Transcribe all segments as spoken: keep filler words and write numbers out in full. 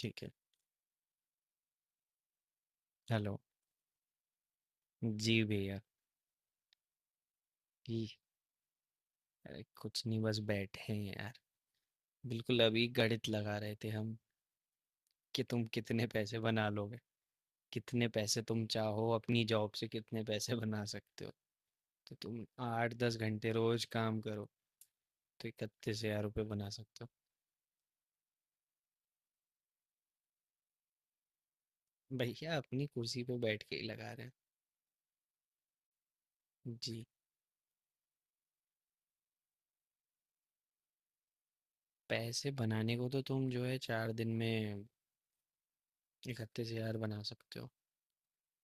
ठीक है। हेलो। जी भैया। जी। अरे कुछ नहीं, बस बैठे हैं यार। बिल्कुल अभी गणित लगा रहे थे हम कि तुम कितने पैसे बना लोगे। कितने पैसे तुम चाहो, अपनी जॉब से कितने पैसे बना सकते हो। तो तुम आठ दस घंटे रोज काम करो। तो इकतीस हजार रुपये बना सकते। हो भैया, अपनी कुर्सी पे बैठ के ही लगा रहे हैं। जी। पैसे बनाने को तो तुम जो है, चार दिन में इकतीस हजार बना सकते हो।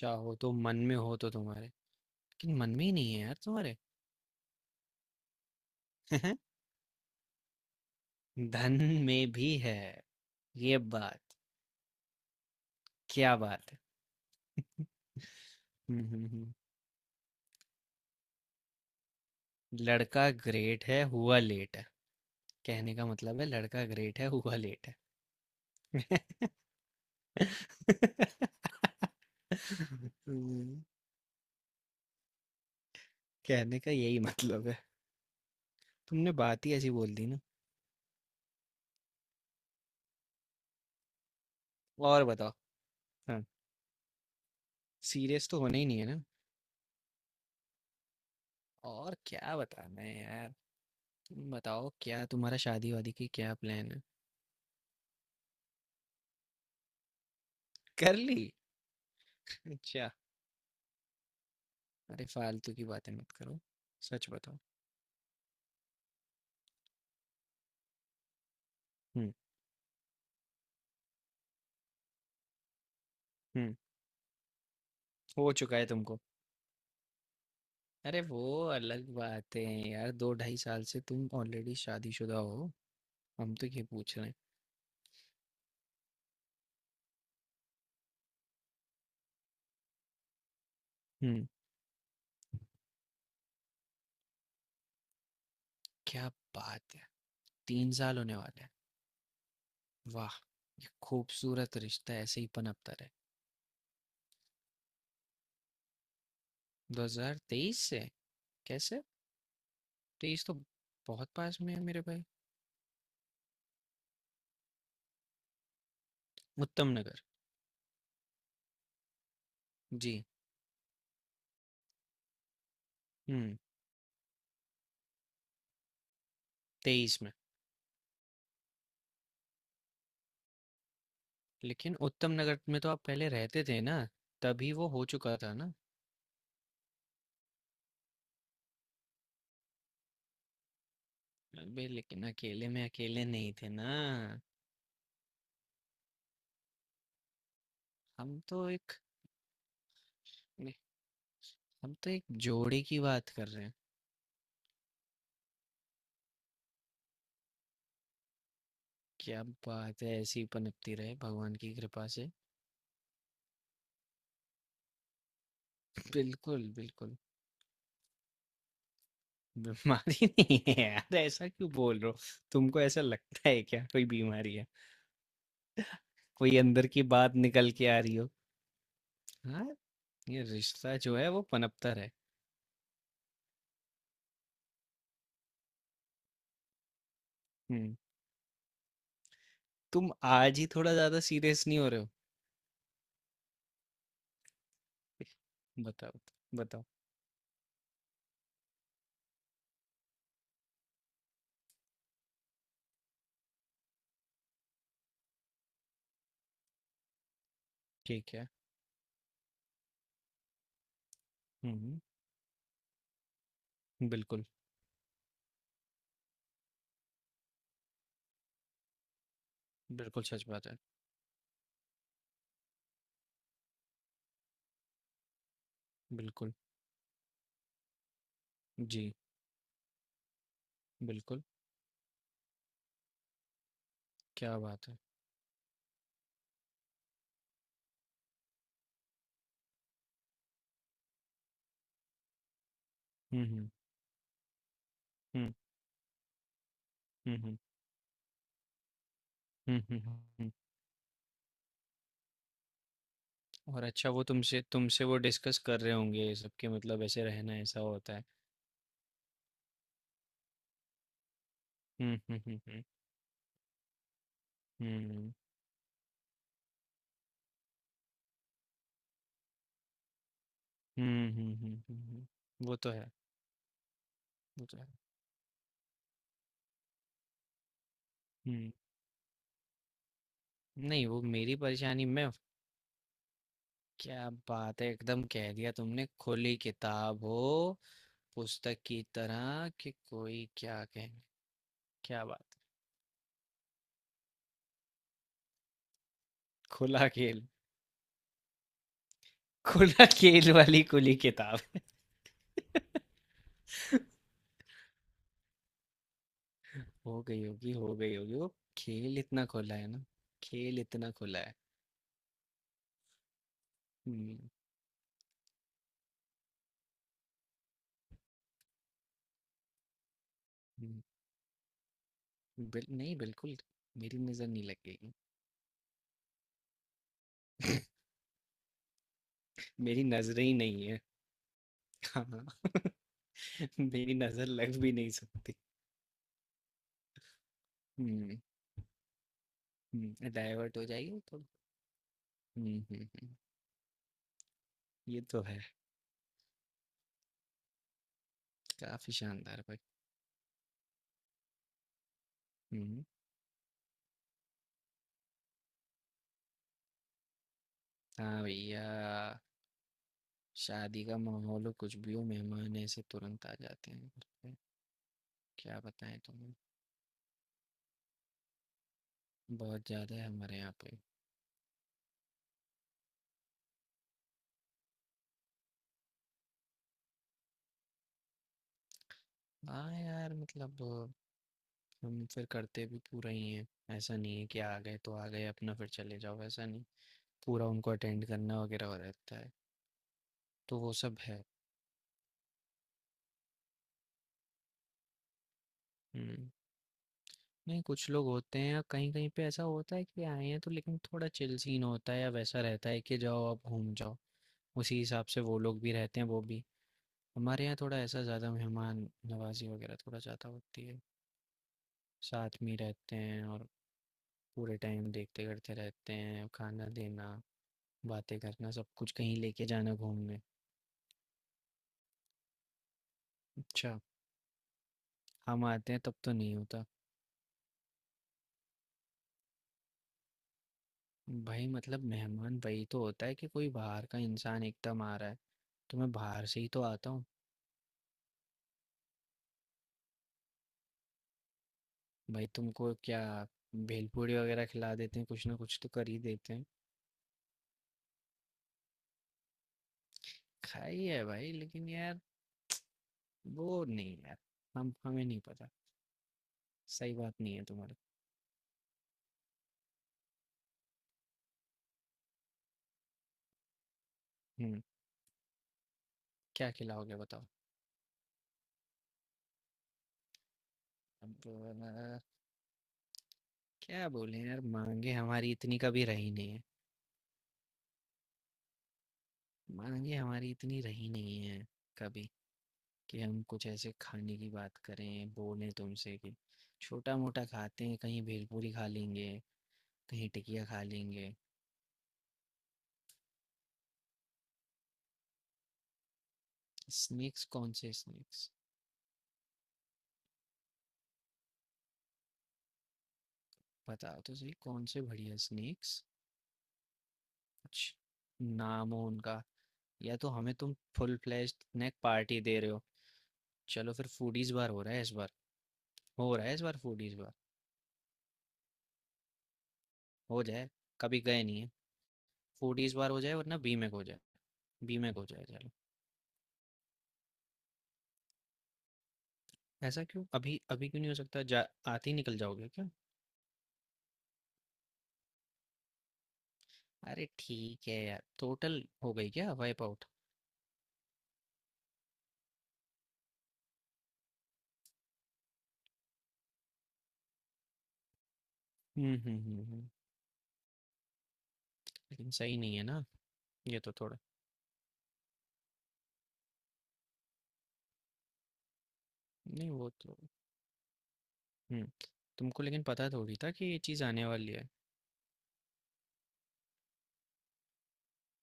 चाहो तो, मन में हो तो तुम्हारे। लेकिन मन में ही नहीं है यार तुम्हारे। धन में भी है। ये बात। क्या बात है। हम्म, हम्म, हम्म। लड़का ग्रेट है, हुआ लेट है। कहने का मतलब है, लड़का ग्रेट है, हुआ लेट है। हम्म। कहने का यही मतलब है। तुमने बात ही ऐसी बोल दी ना। और बताओ। हाँ, सीरियस तो होना ही नहीं है ना। और क्या बताना है यार। तुम बताओ, क्या तुम्हारा शादी वादी की क्या प्लान है। कर ली? अच्छा। अरे फालतू की बातें मत करो। सच बताओ। हम्म, हम्म। हो चुका है तुमको। अरे वो अलग बात है। यार दो ढाई साल से तुम ऑलरेडी शादीशुदा हो। हम तो ये पूछ रहे हैं। हम्म। क्या बात है। तीन साल होने वाले हैं। वाह! ये खूबसूरत रिश्ता ऐसे ही पनपता रहे। दो हज़ार तेईस से? कैसे? तेईस तो बहुत पास में है मेरे भाई। उत्तम नगर। जी। हम्म। तेईस में? लेकिन उत्तम नगर में तो आप पहले रहते थे ना, तभी वो हो चुका था ना। अबे लेकिन अकेले में अकेले नहीं थे ना। हम तो एक हम तो एक जोड़े की बात कर रहे हैं। क्या बात है, ऐसी पनपती रहे भगवान की कृपा से। बिल्कुल, बिल्कुल। बीमारी नहीं है यार, ऐसा क्यों बोल रहे हो? तुमको ऐसा लगता है क्या कोई बीमारी है? कोई अंदर की बात निकल के आ रही हो? हाँ, ये रिश्ता जो है वो पनपता रहे। हम्म तुम आज ही थोड़ा ज्यादा सीरियस नहीं हो रहे हो? बताओ, बताओ। ठीक है। हम्म। बिल्कुल। बिल्कुल सच बात है। बिल्कुल। जी। बिल्कुल। क्या बात है। हम्म, हम्म, हम्म, हम्म, हम्म। हुँ, हुँ, हुँ, हुँ। और अच्छा, वो तुमसे तुमसे वो डिस्कस कर रहे होंगे ये सब कि मतलब ऐसे रहना ऐसा होता है। हुँ, हुँ, हुँ, हुँ। हुँ। हुँ, हुँ, हुँ, हुँ, हुँ। वो तो है, वो तो है। हुँ। नहीं वो मेरी परेशानी, मैं। क्या बात है, एकदम कह दिया तुमने, खुली किताब हो, पुस्तक की तरह कि कोई क्या कहे। क्या बात! खुला खेल, खुला खेल वाली खुली किताब। हो गई होगी, हो गई होगी। वो खेल इतना खुला है ना, खेल इतना खुला है। हुँ, हुँ, बिल नहीं बिल्कुल, मेरी नज़र नहीं लगेगी, मेरी नज़रें ही नहीं है। हाँ, मेरी नज़र लग भी नहीं सकती। हुँ, हुँ, डाइवर्ट हो जाएगी तो। हुँ, हुँ, हुँ, ये तो है, काफ़ी शानदार भाई। हुँ। हाँ भैया, शादी का माहौल हो, कुछ भी हो, मेहमान ऐसे तुरंत आ जाते हैं घर पे। क्या बताएँ तुम्हें, बहुत ज़्यादा है हमारे यहाँ पे। हाँ यार, मतलब हम फिर करते भी पूरा ही हैं, ऐसा नहीं है कि आ गए तो आ गए, अपना फिर चले जाओ, ऐसा नहीं। पूरा उनको अटेंड करना वगैरह हो रहता है, तो वो सब है। हम्म। नहीं, कुछ लोग होते हैं या कहीं कहीं पे ऐसा होता है कि आए हैं तो, लेकिन थोड़ा चिल सीन होता है या वैसा रहता है कि जाओ आप घूम जाओ। उसी हिसाब से वो लोग भी रहते हैं, वो भी। हमारे यहाँ थोड़ा ऐसा ज़्यादा मेहमान नवाजी वगैरह थोड़ा ज़्यादा होती है। साथ में ही रहते हैं और पूरे टाइम देखते करते रहते हैं, खाना देना, बातें करना, सब कुछ, कहीं लेके जाना घूमने। अच्छा, हम आते हैं तब तो नहीं होता। भाई मतलब मेहमान वही तो होता है कि कोई बाहर का इंसान एकदम आ रहा है, तो मैं बाहर से ही तो आता हूँ। भाई तुमको क्या? भेलपूरी वगैरह खिला देते हैं, कुछ ना कुछ तो कर ही देते हैं। खाई है भाई, लेकिन यार वो नहीं यार, हम हमें नहीं पता। सही बात नहीं है तुम्हारी। हम्म क्या खिलाओगे, बताओ। अब अ, क्या बोले यार, मांगे हमारी इतनी कभी रही नहीं है। मांगे हमारी इतनी रही नहीं है कभी, कि हम कुछ ऐसे खाने की बात करें, बोलें तुमसे कि छोटा-मोटा खाते हैं, कहीं भेलपूरी खा लेंगे, कहीं टिकिया खा लेंगे। स्नैक्स? कौन से स्नैक्स? बताओ तो सही, कौन से बढ़िया स्नैक्स? कुछ नाम हो उनका, या तो हमें तुम फुल फ्लेज्ड स्नैक पार्टी दे रहे हो। चलो फिर फूडीज बार हो रहा है इस बार। हो रहा है इस बार फूडीज बार। हो जाए, कभी गए नहीं है। फूडीज बार हो जाए वरना बीमेक हो जाए। बीमेक हो जाए चलो। ऐसा क्यों? अभी अभी क्यों नहीं हो सकता? जा आते ही निकल जाओगे क्या? अरे ठीक है यार, टोटल हो गई क्या, वाइप आउट? हम्म, हम्म, हम्म, हम्म, लेकिन सही नहीं है ना, ये तो थोड़ा। नहीं वो तो। हम्म। तुमको लेकिन पता थोड़ी था कि ये चीज़ आने वाली है।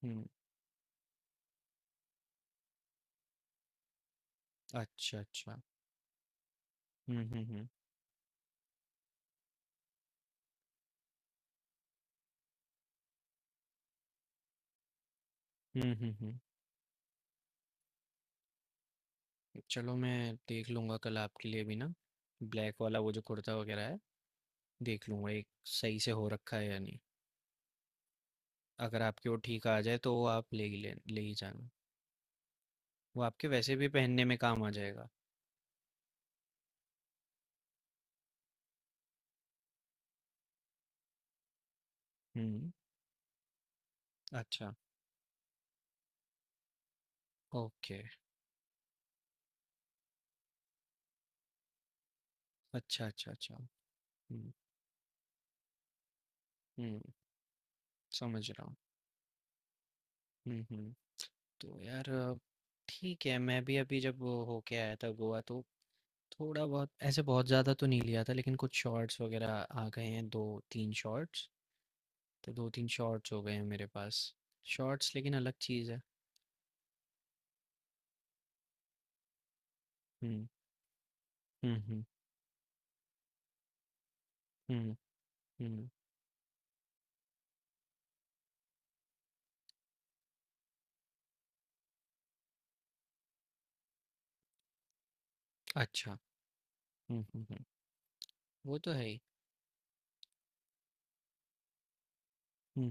हम्म। अच्छा, अच्छा। हम्म, हम्म, हम्म, हम्म, हम्म, हम्म। चलो मैं देख लूँगा कल आपके लिए भी ना, ब्लैक वाला वो जो कुर्ता वगैरह है, देख लूँगा एक, सही से हो रखा है या नहीं। अगर आपके वो ठीक आ जाए तो वो आप ले ही ले, ले ही जाना। वो आपके वैसे भी पहनने में काम आ जाएगा। हम्म। अच्छा। ओके। अच्छा, अच्छा, अच्छा। हुँ, हुँ, समझ रहा हूँ। हुँ, हुँ। तो यार, अ, ठीक है, मैं भी अभी जब वो होके आया था गोवा, तो थोड़ा बहुत ऐसे, बहुत ज़्यादा तो नहीं लिया था, लेकिन कुछ शॉर्ट्स वग़ैरह आ गए हैं, दो तीन शॉर्ट्स, तो दो तीन शॉर्ट्स हो गए हैं मेरे पास। शॉर्ट्स लेकिन अलग चीज़ है। हुँ, हुँ, हुँ, हुँ, हुँ। अच्छा। हुँ, हुँ, हुँ। वो तो है ही। हुँ,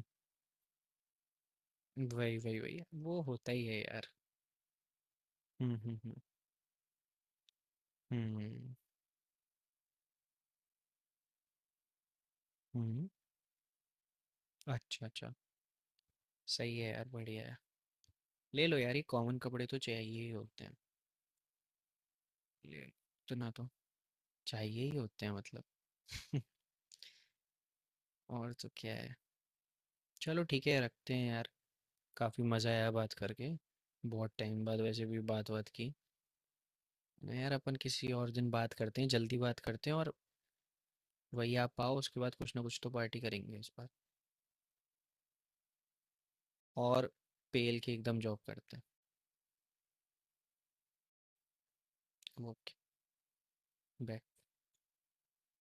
वही, वही, वही। वो होता ही है यार। हुँ, हुँ, हुँ। हुँ, हुँ। अच्छा, अच्छा। सही है यार, बढ़िया है। ले लो यार, ये कॉमन कपड़े तो चाहिए ही होते हैं, ले इतना तो चाहिए ही होते हैं मतलब। और तो क्या है, चलो ठीक है रखते हैं यार। काफी मजा आया बात करके, बहुत टाइम बाद वैसे भी बात बात की। ना यार, अपन किसी और दिन बात करते हैं, जल्दी बात करते हैं। और वही आप आओ, उसके बाद कुछ ना कुछ तो पार्टी करेंगे इस बार। और पेल के एकदम जॉब करते हैं। ओके। बाय।